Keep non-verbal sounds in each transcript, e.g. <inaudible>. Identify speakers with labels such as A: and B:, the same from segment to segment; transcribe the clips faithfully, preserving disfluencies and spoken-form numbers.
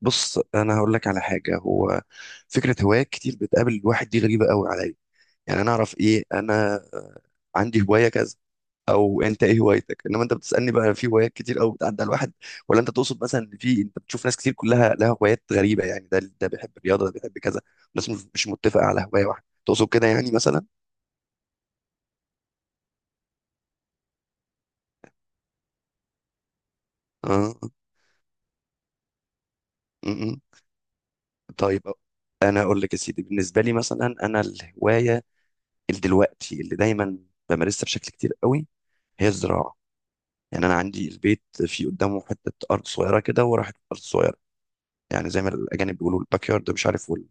A: بص انا هقول لك على حاجه. هو فكره هوايات كتير بتقابل الواحد دي غريبه قوي عليا، يعني انا اعرف ايه؟ انا عندي هوايه كذا، او انت ايه هوايتك؟ انما انت بتسالني بقى في هوايات كتير قوي بتعدي على الواحد، ولا انت تقصد مثلا ان في انت بتشوف ناس كتير كلها لها هوايات غريبه، يعني ده ده بيحب الرياضه، ده بيحب كذا، الناس مش مش متفقه على هوايه واحده، تقصد كده يعني مثلا؟ اه م -م. طيب انا اقول لك يا سيدي، بالنسبه لي مثلا انا الهوايه اللي دلوقتي اللي دايما بمارسها بشكل كتير قوي هي الزراعه. يعني انا عندي البيت في قدامه حته ارض صغيره كده، وراحت ارض صغيره، يعني زي ما الاجانب بيقولوا الباك يارد، مش عارف وال...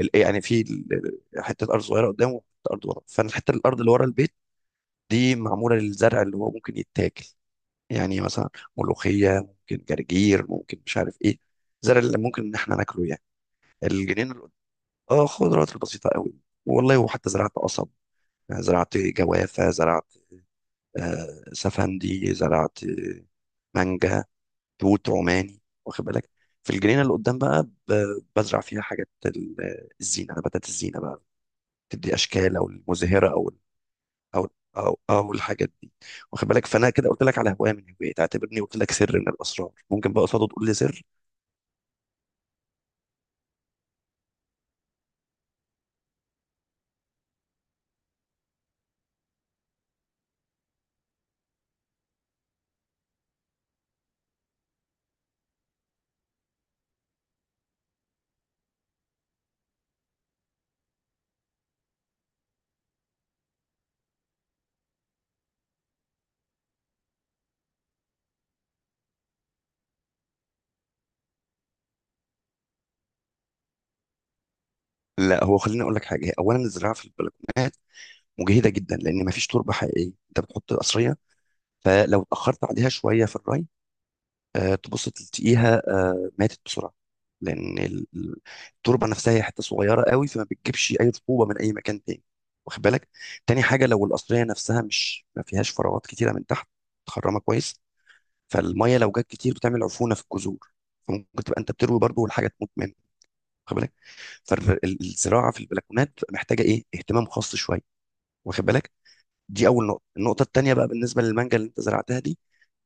A: ال... إيه يعني في ال- حته ارض صغيره قدامه وحته ارض ورا. فانا الحته الارض اللي ورا البيت دي معموله للزرع اللي هو ممكن يتاكل، يعني مثلا ملوخيه ممكن، جرجير ممكن، مش عارف ايه، الزرع اللي ممكن ان احنا ناكله يعني. الجنين اللي قد- اه خضروات البسيطه قوي، والله وحتى زرعت قصب، زرعت جوافه، زرعت آه سفندي، زرعت آه، مانجا، توت، روماني، واخد بالك. في الجنينه اللي قدام بقى ب- بزرع فيها حاجات ال- الزينه، نباتات الزينه بقى، تدي اشكال او المزهره او ال- او او او الحاجات دي، واخد بالك. فانا كده قلت لك على هوايه من هواياتي، اعتبرني قلت لك سر من الاسرار، ممكن بقى قصاده تقول لي سر. لا هو خليني اقول لك حاجه، هي اولا الزراعه في البلكونات مجهده جدا، لان ما فيش تربه حقيقيه، انت بتحط قصريه، فلو اتاخرت عليها شويه في الري، آه، تبص تلاقيها آه، ماتت بسرعه، لان ال- ال- التربه نفسها هي حته صغيره قوي، فما بتجيبش اي رطوبه من اي مكان تاني، واخد بالك. تاني حاجه، لو القصريه نفسها مش ما فيهاش فراغات كتيره من تحت، متخرمه كويس، فالميه لو جت كتير بتعمل عفونه في الجذور، فممكن تبقى انت بتروي برضه والحاجه تموت منك، واخد بالك. فالزراعه في البلكونات بتبقى محتاجه ايه؟ اهتمام خاص شويه، واخد بالك. دي اول نقطه. النقطه التانيه بقى بالنسبه للمانجا اللي انت زرعتها دي،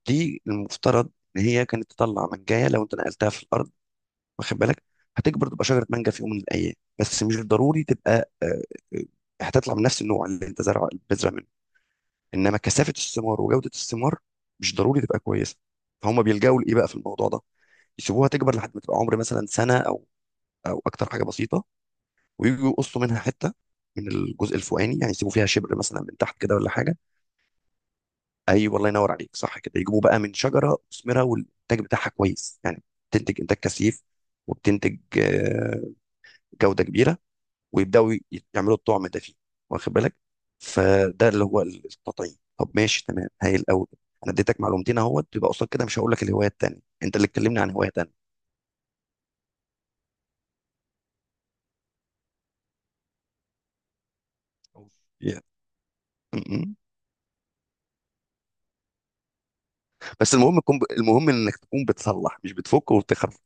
A: دي المفترض ان هي كانت تطلع منجايه لو انت نقلتها في الارض، واخد بالك، هتكبر تبقى شجره مانجا في يوم من الايام. بس مش ضروري تبقى آه، آه، هتطلع من نفس النوع اللي انت زرع بتزرع منه، انما كثافه الثمار وجوده الثمار مش ضروري تبقى كويسه. فهم بيلجأوا لايه بقى في الموضوع ده؟ يسيبوها تكبر لحد ما تبقى عمر مثلا سنه او او اكتر، حاجه بسيطه، ويجوا يقصوا منها حته من الجزء الفوقاني، يعني يسيبوا فيها شبر مثلا من تحت كده ولا حاجه. اي والله، ينور عليك، صح كده، يجيبوا بقى من شجره مثمره والانتاج بتاعها كويس يعني، بتنتج انتاج كثيف وبتنتج آه، جوده كبيره، ويبداوا ي- يعملوا الطعم ده فيه، واخد بالك. فده اللي هو ال- التطعيم. طب ماشي تمام هايل قوي. انا اديتك معلومتين اهوت، يبقى قصاد كده مش هقول لك الهوايه التانيه، انت اللي تكلمني عن هوايه تانيه. yeah. م- م. بس المهم تكون ب... المهم انك تكون بتصلح، مش بتفك وبتخرف.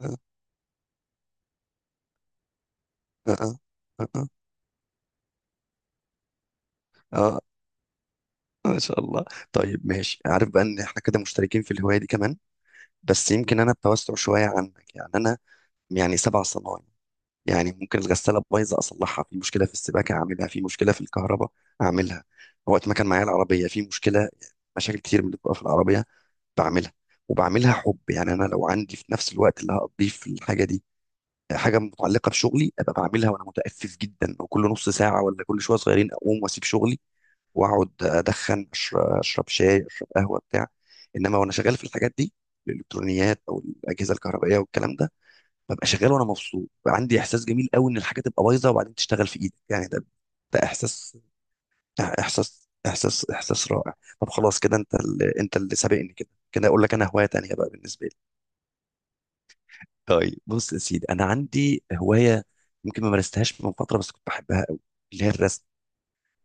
A: اه اه، اه اه، آه، ان شاء الله. طيب ماشي، عارف بقى ان احنا كده مشتركين في الهوايه دي كمان، بس يمكن انا بتوسع شويه عنك، يعني انا يعني سبع صنايع. يعني ممكن الغساله بايظه اصلحها، في مشكله في السباكه اعملها، في مشكله في الكهرباء اعملها، وقت ما كان معايا العربيه في مشكله، مشاكل كتير من اللي بتبقى في العربيه بعملها. وبعملها حب، يعني انا لو عندي في نفس الوقت اللي هقضيه في الحاجه دي حاجه متعلقه بشغلي، ابقى بعملها وانا متأفف جدا، وكل نص ساعه ولا كل شويه صغيرين اقوم واسيب شغلي واقعد ادخن، اشرب, أشرب شاي، اشرب قهوه، بتاع. انما وانا شغال في الحاجات دي الالكترونيات او الاجهزه الكهربائيه والكلام ده، ببقى شغال وانا مبسوط بقى، عندي احساس جميل قوي ان الحاجه تبقى بايظه وبعدين تشتغل في ايدك، يعني ده ده احساس، ده احساس احساس احساس رائع. طب خلاص كده، انت اللي انت اللي سابقني كده، كده اقول لك انا هوايه تانية بقى بالنسبه لي. طيب بص يا سيدي، انا عندي هوايه يمكن ما مارستهاش من فتره بس كنت بحبها قوي، اللي هي الرسم.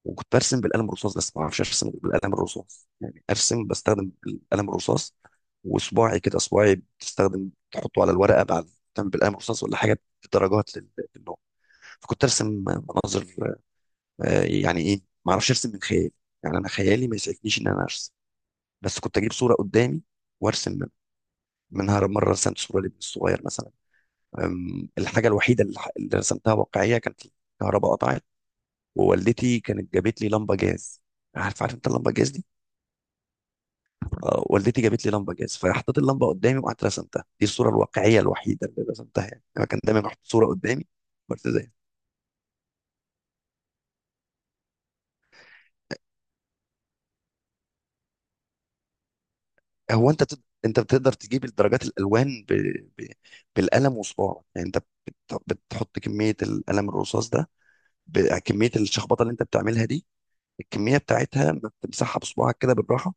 A: وكنت برسم بالقلم الرصاص، بس ما اعرفش ارسم بالقلم الرصاص، يعني ارسم بستخدم القلم الرصاص، وصباعي كده صباعي بتستخدم تحطه على الورقه بعد تعمل بالقلم الرصاص ولا حاجه، بدرجات للنوع. فكنت ارسم مناظر، آه، يعني ايه، ما اعرفش ارسم من خيالي، يعني انا خيالي ما يسعفنيش ان انا ارسم، بس كنت اجيب صوره قدامي وارسم من- منها. مره رسمت صوره لابن الصغير مثلا، أم، الحاجه الوحيده اللي اللي رسمتها واقعيه كانت الكهرباء قطعت، ووالدتي كانت جابت لي لمبه جاز. عارف، عارف انت اللمبه جاز دي؟ آه، والدتي جابت لي لمبه جاز، فحطيت اللمبه قدامي وقعدت رسمتها، دي الصوره الواقعيه الوحيده اللي رسمتها، يعني انا كان دايما احط صوره قدامي وارسم زيها. هو انت تد... انت بتقدر تجيب الدرجات الالوان ب... ب... بالقلم وصباعك؟ يعني انت بت... بتحط كميه القلم الرصاص ده بكميه الشخبطه اللي انت بتعملها دي، الكميه بتاعتها ما بتمسحها بصباعك كده بالراحه،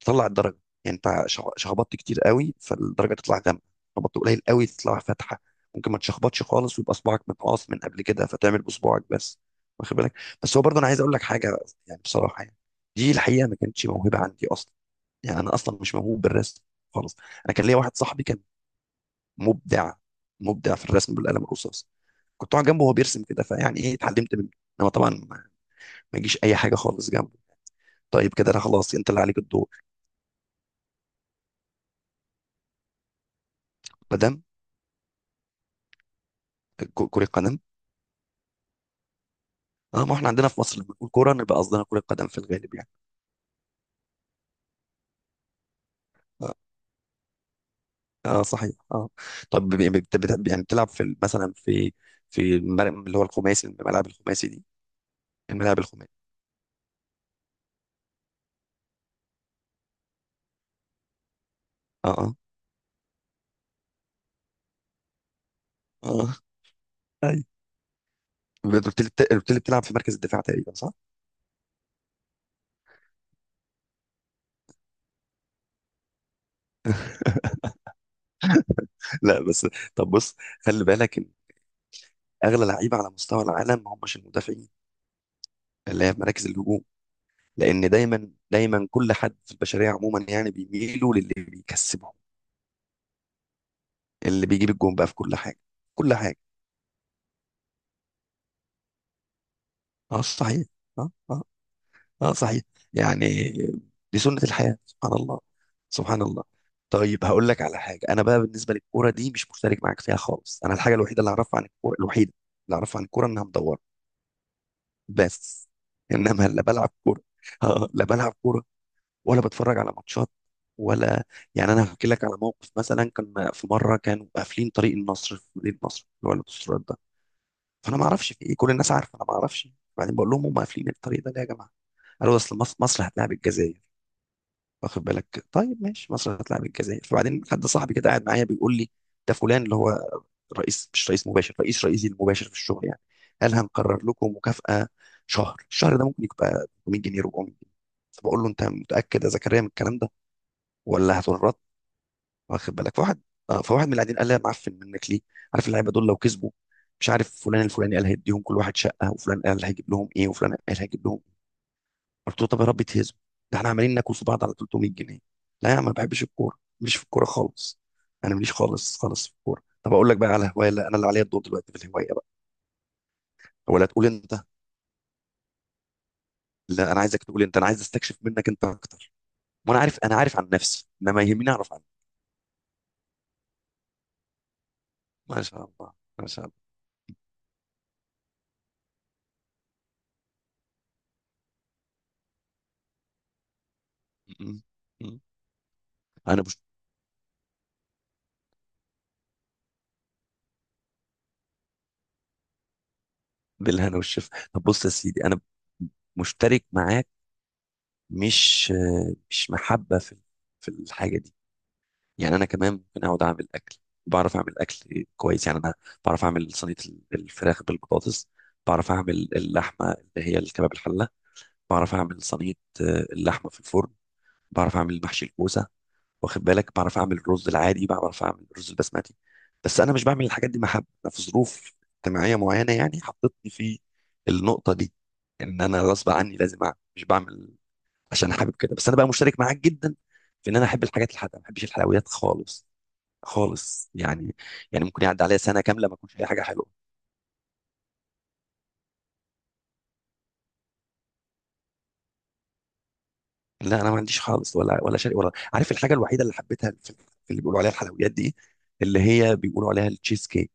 A: تطلع الدرجه. يعني انت شخ- شخبطت كتير قوي، فالدرجه تطلع غامقه. شخبطت قليل قوي، تطلع فاتحه. ممكن ما تشخبطش خالص ويبقى صباعك متقاص من قبل كده، فتعمل بصباعك بس، واخد بالك. بس هو برضه انا عايز اقول لك حاجه، يعني بصراحه يعني، دي الحقيقه، ما كانتش موهبه عندي اصلا، يعني انا اصلا مش موهوب بالرسم خالص. انا كان ليا واحد صاحبي كان مبدع مبدع في الرسم بالقلم الرصاص، كنت اقعد جنبه وهو بيرسم كده، فيعني ايه اتعلمت منه، انما طبعا ما ما يجيش اي حاجه خالص جنبه. طيب كده انا خلاص، انت اللي عليك الدور. قدم، ك- كره قدم. اه، ما احنا عندنا في مصر لما بنقول كوره نبقى قصدنا كره قدم في الغالب يعني. اه, آه صحيح اه. طب ب- ب- بت- بت- يعني بتلعب في ال- مثلا في في المر- اللي هو الخماسي، الملاعب الخماسي دي؟ الملاعب الخماسي. اه اه، اه، ايوه. بت- بت- بت- بتلعب في مركز الدفاع تقريبا، صح؟ لا بس، طب بص، خلي بالك إن اغلى لعيبه على مستوى العالم ما همش المدافعين، اللي هي في مراكز الهجوم، لان دايما دايما كل حد في البشريه عموما يعني بيميلوا للي بيكسبهم، اللي بيجيب الجون بقى في كل حاجه، كل حاجه. اه صحيح، اه اه، اه صحيح، يعني دي سنه الحياه، سبحان الله، سبحان الله. طيب هقول لك على حاجه، انا بقى بالنسبه للكوره دي مش مشترك معاك فيها خالص، انا الحاجه الوحيده اللي اعرفها عن الكوره، الوحيده اللي اعرفها عن الكوره انها مدوره بس. انما لا بلعب كوره <laughs> آه، لا بلعب كوره، ولا بتفرج على ماتشات، ولا، يعني انا هحكي لك على موقف، مثلا كان في مره كانوا قافلين طريق النصر في مدينه نصر، اللي هو البوسترات ده، فانا ما اعرفش في ايه، كل الناس عارفه انا ما اعرفش. بعدين بقول لهم، هم قافلين الطريق ده ليه يا جماعه؟ قالوا اصل مصر مصر هتلاعب الجزائر، واخد بالك. طيب ماشي، مصر هتلاعب الجزائر، فبعدين حد صاحبي كده قاعد معايا بيقول لي، ده فلان اللي هو رئيس مش رئيس مباشر، رئيس رئيسي المباشر في الشغل يعني، قال هنقرر لكم مكافأة شهر، الشهر ده ممكن يبقى تلت ميت جنيه، أربعمائة جنيه. فبقول له، انت متأكد يا زكريا من الكلام ده ولا هتورط؟ واخد بالك. فواحد، اه فواحد من اللي قاعدين قال لي، يا معفن، منك ليه؟ عارف اللعيبه دول لو كسبوا، مش عارف فلان الفلاني قال هيديهم كل واحد شقه، وفلان قال هيجيب لهم ايه، وفلان قال هيجيب لهم إيه. قلت له، طب يا رب تهزم، ده احنا عمالين ناكل في بعض على تلت ميت جنيه. لا يا عم، ما بحبش الكوره، مش في الكوره خالص، انا ماليش خالص خالص في الكوره. طب اقول لك بقى على هوايه؟ لا، انا اللي عليا الدور دلوقتي في الهوايه، ولا تقول انت؟ لا انا عايزك تقول انت، انا عايز استكشف منك انت اكتر، وانا عارف، انا عارف عن نفسي، انما يهمني اعرف عنك. ما شاء الله، ما شاء الله. م- م- م. انا بش... بالهنا والشفا. طب بص يا سيدي، انا مشترك معاك، مش مش محبه في في الحاجه دي، يعني انا كمان ممكن اقعد اعمل اكل، بعرف اعمل اكل كويس، يعني انا بعرف اعمل صينيه الفراخ بالبطاطس، بعرف اعمل اللحمه اللي هي الكباب، الحله، بعرف اعمل صينيه آه، اللحمه في الفرن، بعرف اعمل محشي الكوسه، واخد بالك، بعرف اعمل الرز العادي، بعرف اعمل الرز البسمتي. بس انا مش بعمل الحاجات دي محبه، انا في ظروف اجتماعيه معينه يعني حطتني في النقطه دي، ان انا غصب عني لازم اعمل، مش بعمل عشان حابب كده. بس انا بقى مشترك معاك جدا في ان انا احب الحاجات الحادقه، ما بحبش الحلويات خالص خالص يعني، يعني ممكن يعدي عليا سنه كامله ما اكلش اي حاجه حلوه، لا انا ما عنديش خالص، ولا ولا شيء ولا عارف. الحاجه الوحيده اللي حبيتها في في اللي بيقولوا عليها الحلويات دي، اللي هي بيقولوا عليها التشيز كيك،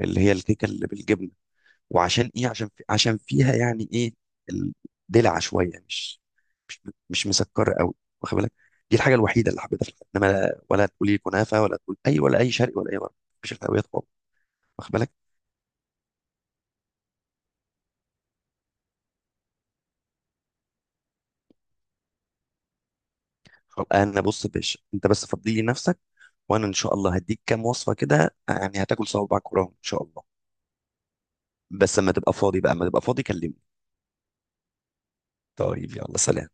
A: اللي هي الكيكه اللي بالجبنه. وعشان ايه؟ عشان في عشان فيها يعني ايه، الدلع شويه، مش مش مش مسكره قوي، واخد بالك، دي الحاجه الوحيده اللي حبيتها في الحلويات. انما ولا تقولي كنافه، ولا تقول اي ولا اي شرقي ولا اي غربي، مفيش الحلويات خالص، واخد بالك. خلاص، انا بص يا باشا، انت بس فضي لي نفسك، وانا ان شاء الله هديك كام وصفه كده، يعني هتاكل صوابعك وراهم ان شاء الله. بس لما تبقى فاضي بقى، لما تبقى فاضي كلمني. طيب يلا سلام.